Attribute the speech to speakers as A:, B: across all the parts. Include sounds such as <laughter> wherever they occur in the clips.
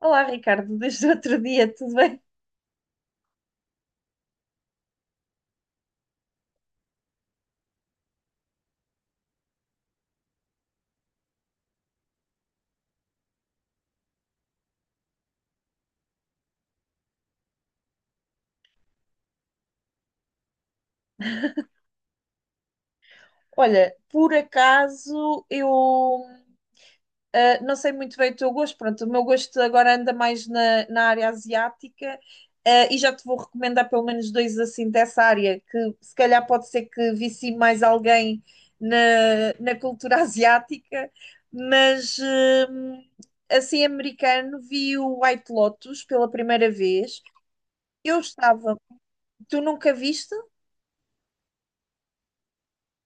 A: Olá, Ricardo, desde o outro dia, tudo bem? Olha, por acaso eu não sei muito bem o teu gosto, pronto, o meu gosto agora anda mais na área asiática, e já te vou recomendar pelo menos dois assim dessa área, que se calhar pode ser que vici mais alguém na, na cultura <laughs> asiática, mas assim americano vi o White Lotus pela primeira vez. Eu estava, Tu nunca viste?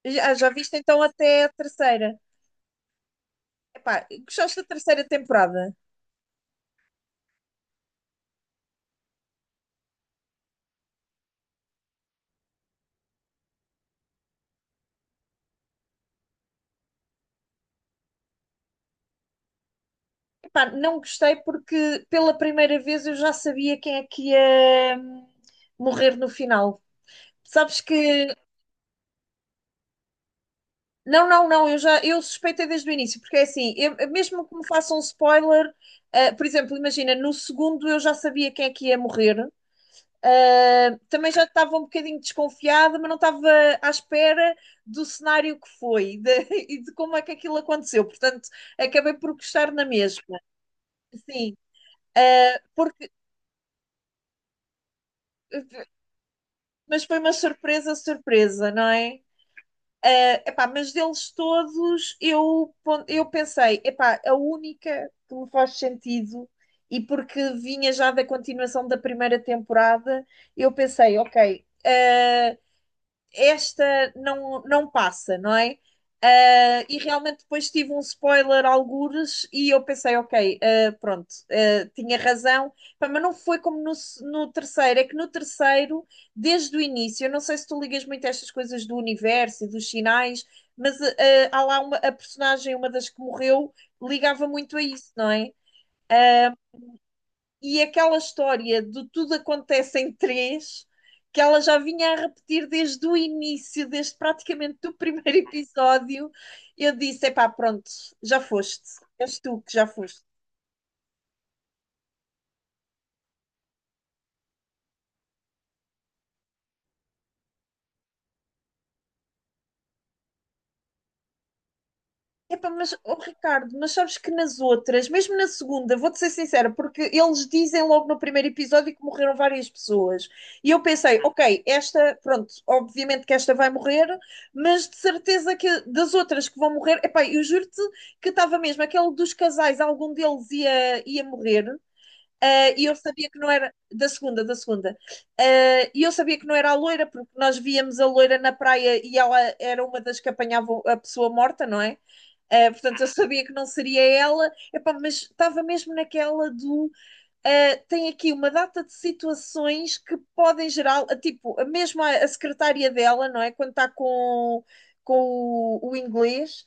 A: Já, já viste então até a terceira? Epá, gostaste da terceira temporada? Epá, não gostei porque pela primeira vez eu já sabia quem é que ia morrer no final. Sabes que. Não, não, não, eu já eu suspeitei desde o início, porque é assim, mesmo que me façam um spoiler, por exemplo, imagina, no segundo eu já sabia quem é que ia morrer. Também já estava um bocadinho desconfiada, mas não estava à espera do cenário que foi <laughs> e de como é que aquilo aconteceu. Portanto, acabei por gostar na mesma. Sim, uh, porque, mas foi uma surpresa, não é? Epá, mas deles todos, eu, eu pensei, epá, a única que me faz sentido, e porque vinha já da continuação da primeira temporada, eu pensei, ok. Esta não, não passa, não é? Ah, e realmente depois tive um spoiler algures e eu pensei, ok, ah, pronto, ah, tinha razão. Pá, mas não foi como no, no terceiro, é que no terceiro, desde o início, eu não sei se tu ligas muito a estas coisas do universo e dos sinais, mas há lá a personagem, uma das que morreu, ligava muito a isso, não é? E aquela história de tudo acontece em três, que ela já vinha a repetir desde o início, desde praticamente do <laughs> primeiro episódio, eu disse: epá, pronto, já foste, és tu que já foste. Epá, mas, oh, Ricardo, mas sabes que nas outras, mesmo na segunda, vou-te ser sincera, porque eles dizem logo no primeiro episódio que morreram várias pessoas. E eu pensei, ok, esta, pronto, obviamente que esta vai morrer, mas de certeza que das outras que vão morrer, epá, eu juro-te que estava mesmo, aquele dos casais, algum deles ia morrer. E eu sabia que não era da segunda, E eu sabia que não era a loira, porque nós víamos a loira na praia e ela era uma das que apanhavam a pessoa morta, não é? Portanto, eu sabia que não seria ela. Epá, mas estava mesmo naquela do. Tem aqui uma data de situações que podem gerar. Tipo, a mesma a secretária dela, não é? Quando está com o inglês,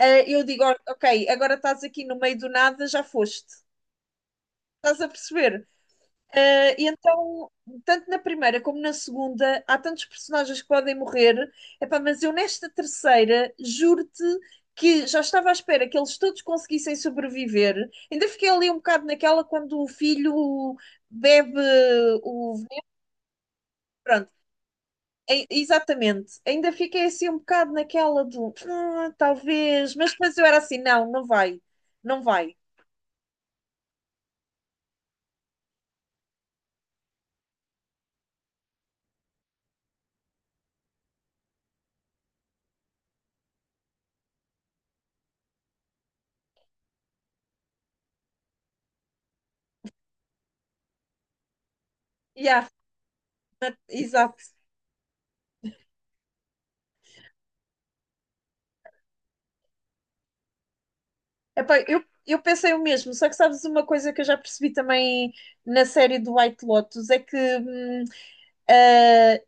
A: eu digo: ok, agora estás aqui no meio do nada, já foste. Estás a perceber? E então, tanto na primeira como na segunda, há tantos personagens que podem morrer. Epá, mas eu nesta terceira, juro-te que já estava à espera que eles todos conseguissem sobreviver. Ainda fiquei ali um bocado naquela quando o filho bebe o veneno. Pronto, exatamente. Ainda fiquei assim um bocado naquela do "Ah, talvez", mas depois eu era assim, não, não vai. Yeah, exato. Epá, eu pensei o mesmo, só que sabes uma coisa que eu já percebi também na série do White Lotus é que, eh,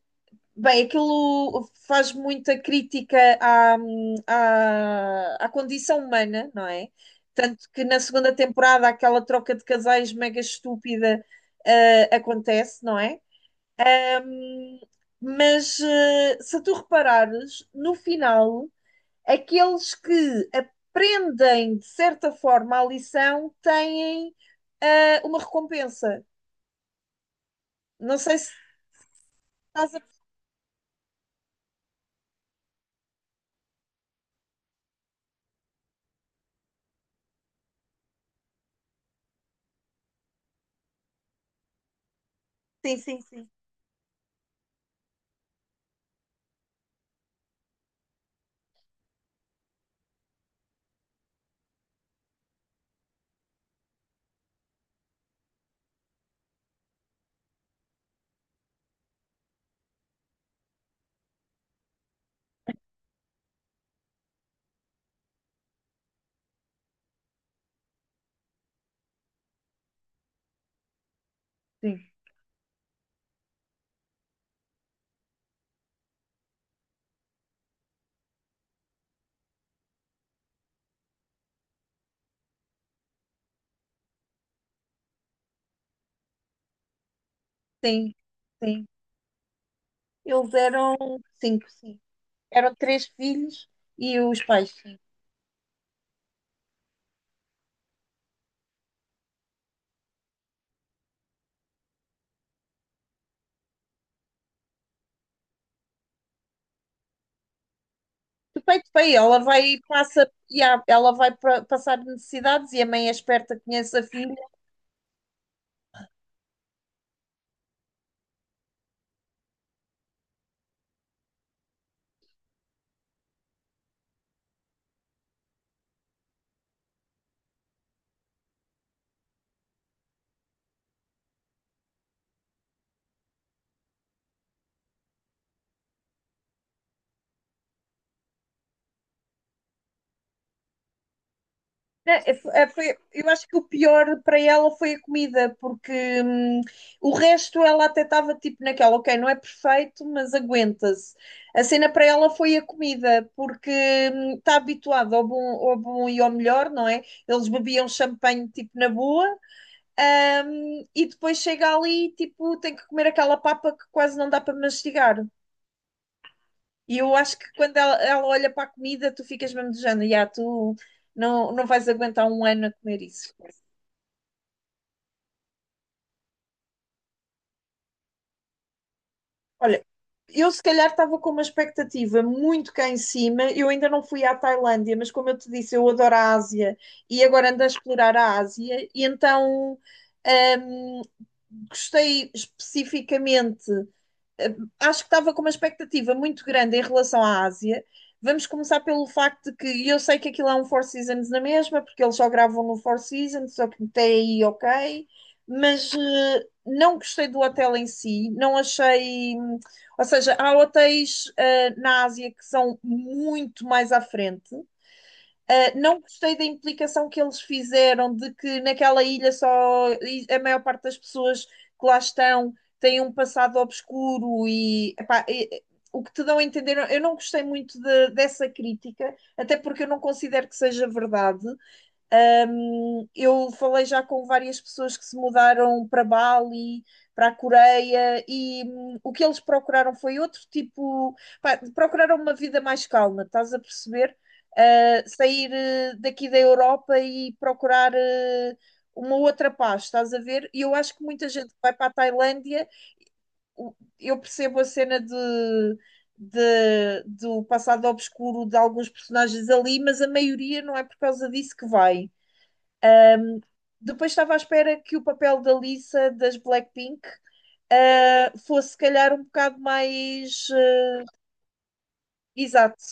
A: bem, aquilo faz muita crítica à, à condição humana, não é? Tanto que na segunda temporada aquela troca de casais mega estúpida, acontece, não é? Hum, mas se tu reparares, no final aqueles que aprendem, de certa forma, a lição têm uma recompensa. Não sei se estás a. Sim, sim, sim. Sim, sim, sim. Eles eram cinco, sim. Eram três filhos e os pais, sim. De peito para aí, ela vai passa, ela vai passar necessidades e a mãe é esperta, conhece a filha. Né, É, é, eu acho que o pior para ela foi a comida, porque hum, o resto ela até estava tipo naquela, ok, não é perfeito, mas aguenta-se. A cena para ela foi a comida, porque está habituada ao bom e ao melhor, não é? Eles bebiam champanhe tipo na boa, e depois chega ali e tipo tem que comer aquela papa que quase não dá para mastigar. E eu acho que quando ela olha para a comida, tu ficas mesmo de género, "Ya, tu não, não vais aguentar um ano a comer isso". Olha, eu se calhar estava com uma expectativa muito cá em cima. Eu ainda não fui à Tailândia, mas como eu te disse, eu adoro a Ásia e agora ando a explorar a Ásia. E então, hum, gostei especificamente. Eh, Acho que estava com uma expectativa muito grande em relação à Ásia. Vamos começar pelo facto de que e eu sei que aquilo é um Four Seasons na mesma, porque eles só gravam no Four Seasons, só que até aí ok, mas não gostei do hotel em si, não achei. Ou seja, há hotéis na Ásia que são muito mais à frente. Não gostei da implicação que eles fizeram de que naquela ilha só a maior parte das pessoas que lá estão têm um passado obscuro e, epá, o que te dão a entender. Eu não gostei muito dessa crítica, até porque eu não considero que seja verdade. Um, eu falei já com várias pessoas que se mudaram para Bali, para a Coreia, e o que eles procuraram foi outro tipo. Pá, procuraram uma vida mais calma, estás a perceber? Sair daqui da Europa e procurar uma outra paz, estás a ver? E eu acho que muita gente que vai para a Tailândia, eu percebo a cena de. Do passado obscuro de alguns personagens ali, mas a maioria não é por causa disso que vai. Depois estava à espera que o papel da Lisa das Blackpink fosse, se calhar, um bocado mais exato.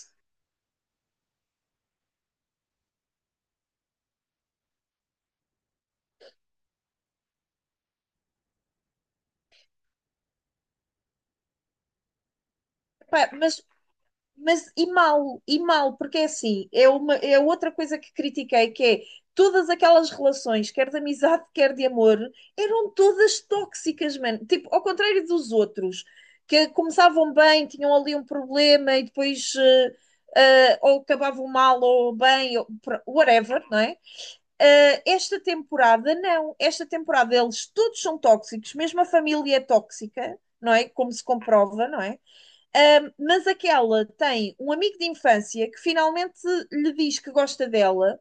A: Pá, mas, e mal, porque é assim, é outra coisa que critiquei, que é todas aquelas relações, quer de amizade, quer de amor, eram todas tóxicas, mano. Tipo, ao contrário dos outros, que começavam bem, tinham ali um problema e depois ou acabavam mal ou bem, ou, whatever, não é? Esta temporada, não. Esta temporada eles todos são tóxicos, mesmo a família é tóxica, não é? Como se comprova, não é? Mas aquela tem um amigo de infância que finalmente lhe diz que gosta dela.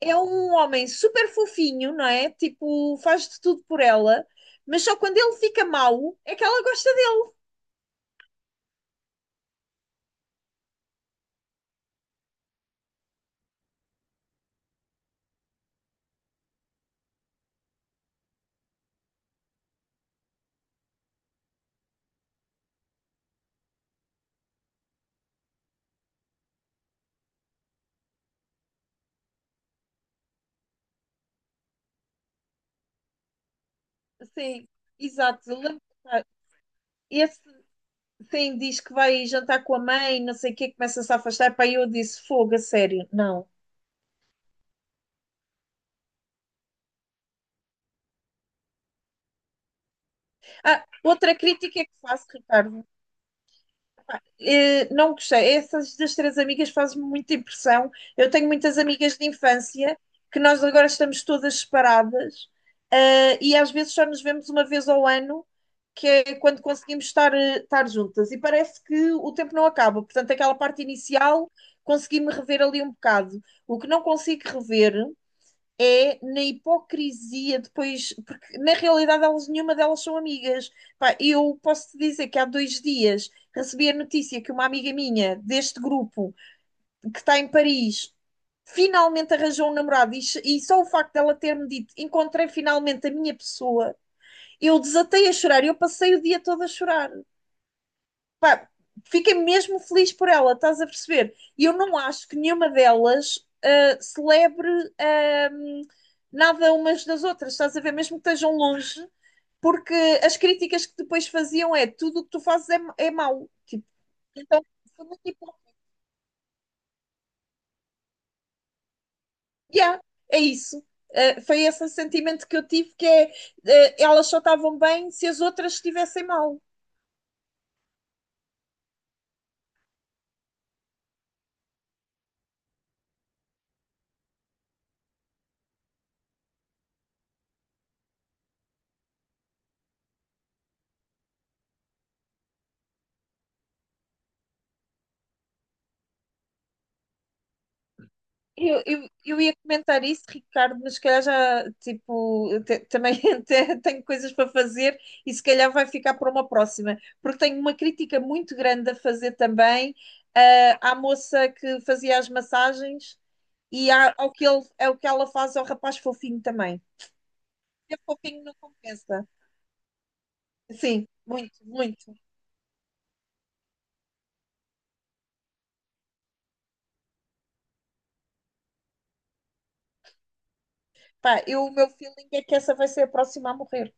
A: É um homem super fofinho, não é? Tipo, faz de tudo por ela, mas só quando ele fica mau é que ela gosta dele. Sim, exato. Esse, sim, diz que vai jantar com a mãe, não sei o quê, começa-se a afastar. Pá, eu disse, fogo, a sério, não. Ah, outra crítica que faço, Ricardo, não gostei. Essas das três amigas fazem-me muita impressão. Eu tenho muitas amigas de infância que nós agora estamos todas separadas, e às vezes só nos vemos uma vez ao ano, que é quando conseguimos estar, estar juntas. E parece que o tempo não acaba. Portanto, aquela parte inicial consegui-me rever ali um bocado. O que não consigo rever é na hipocrisia depois, porque na realidade elas, nenhuma delas são amigas. Pá, eu posso te dizer que há dois dias recebi a notícia que uma amiga minha deste grupo, que está em Paris, finalmente arranjou um namorado e só o facto dela ter-me dito encontrei finalmente a minha pessoa, eu desatei a chorar, eu passei o dia todo a chorar, pá, fiquei mesmo feliz por ela, estás a perceber? E eu não acho que nenhuma delas celebre um, nada umas das outras, estás a ver? Mesmo que estejam longe, porque as críticas que depois faziam é tudo o que tu fazes é, é mau. Tipo, então, foi muito tipo, yeah, é isso. Foi esse sentimento que eu tive que é, elas só estavam bem se as outras estivessem mal. Eu ia comentar isso, Ricardo, mas se calhar já, tipo, também <laughs> tenho coisas para fazer e se calhar vai ficar para uma próxima, porque tenho uma crítica muito grande a fazer também, ah, à moça que fazia as massagens ao que ela faz ao rapaz fofinho também. É fofinho não compensa. Sim, muito, muito. Pá, eu, o meu feeling é que essa vai ser a próxima a morrer.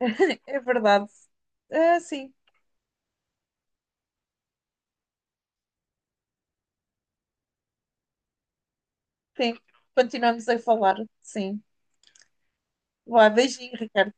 A: <laughs> É verdade. Ah, sim, sim. Continuamos a falar, sim. Boa, beijinho, Ricardo.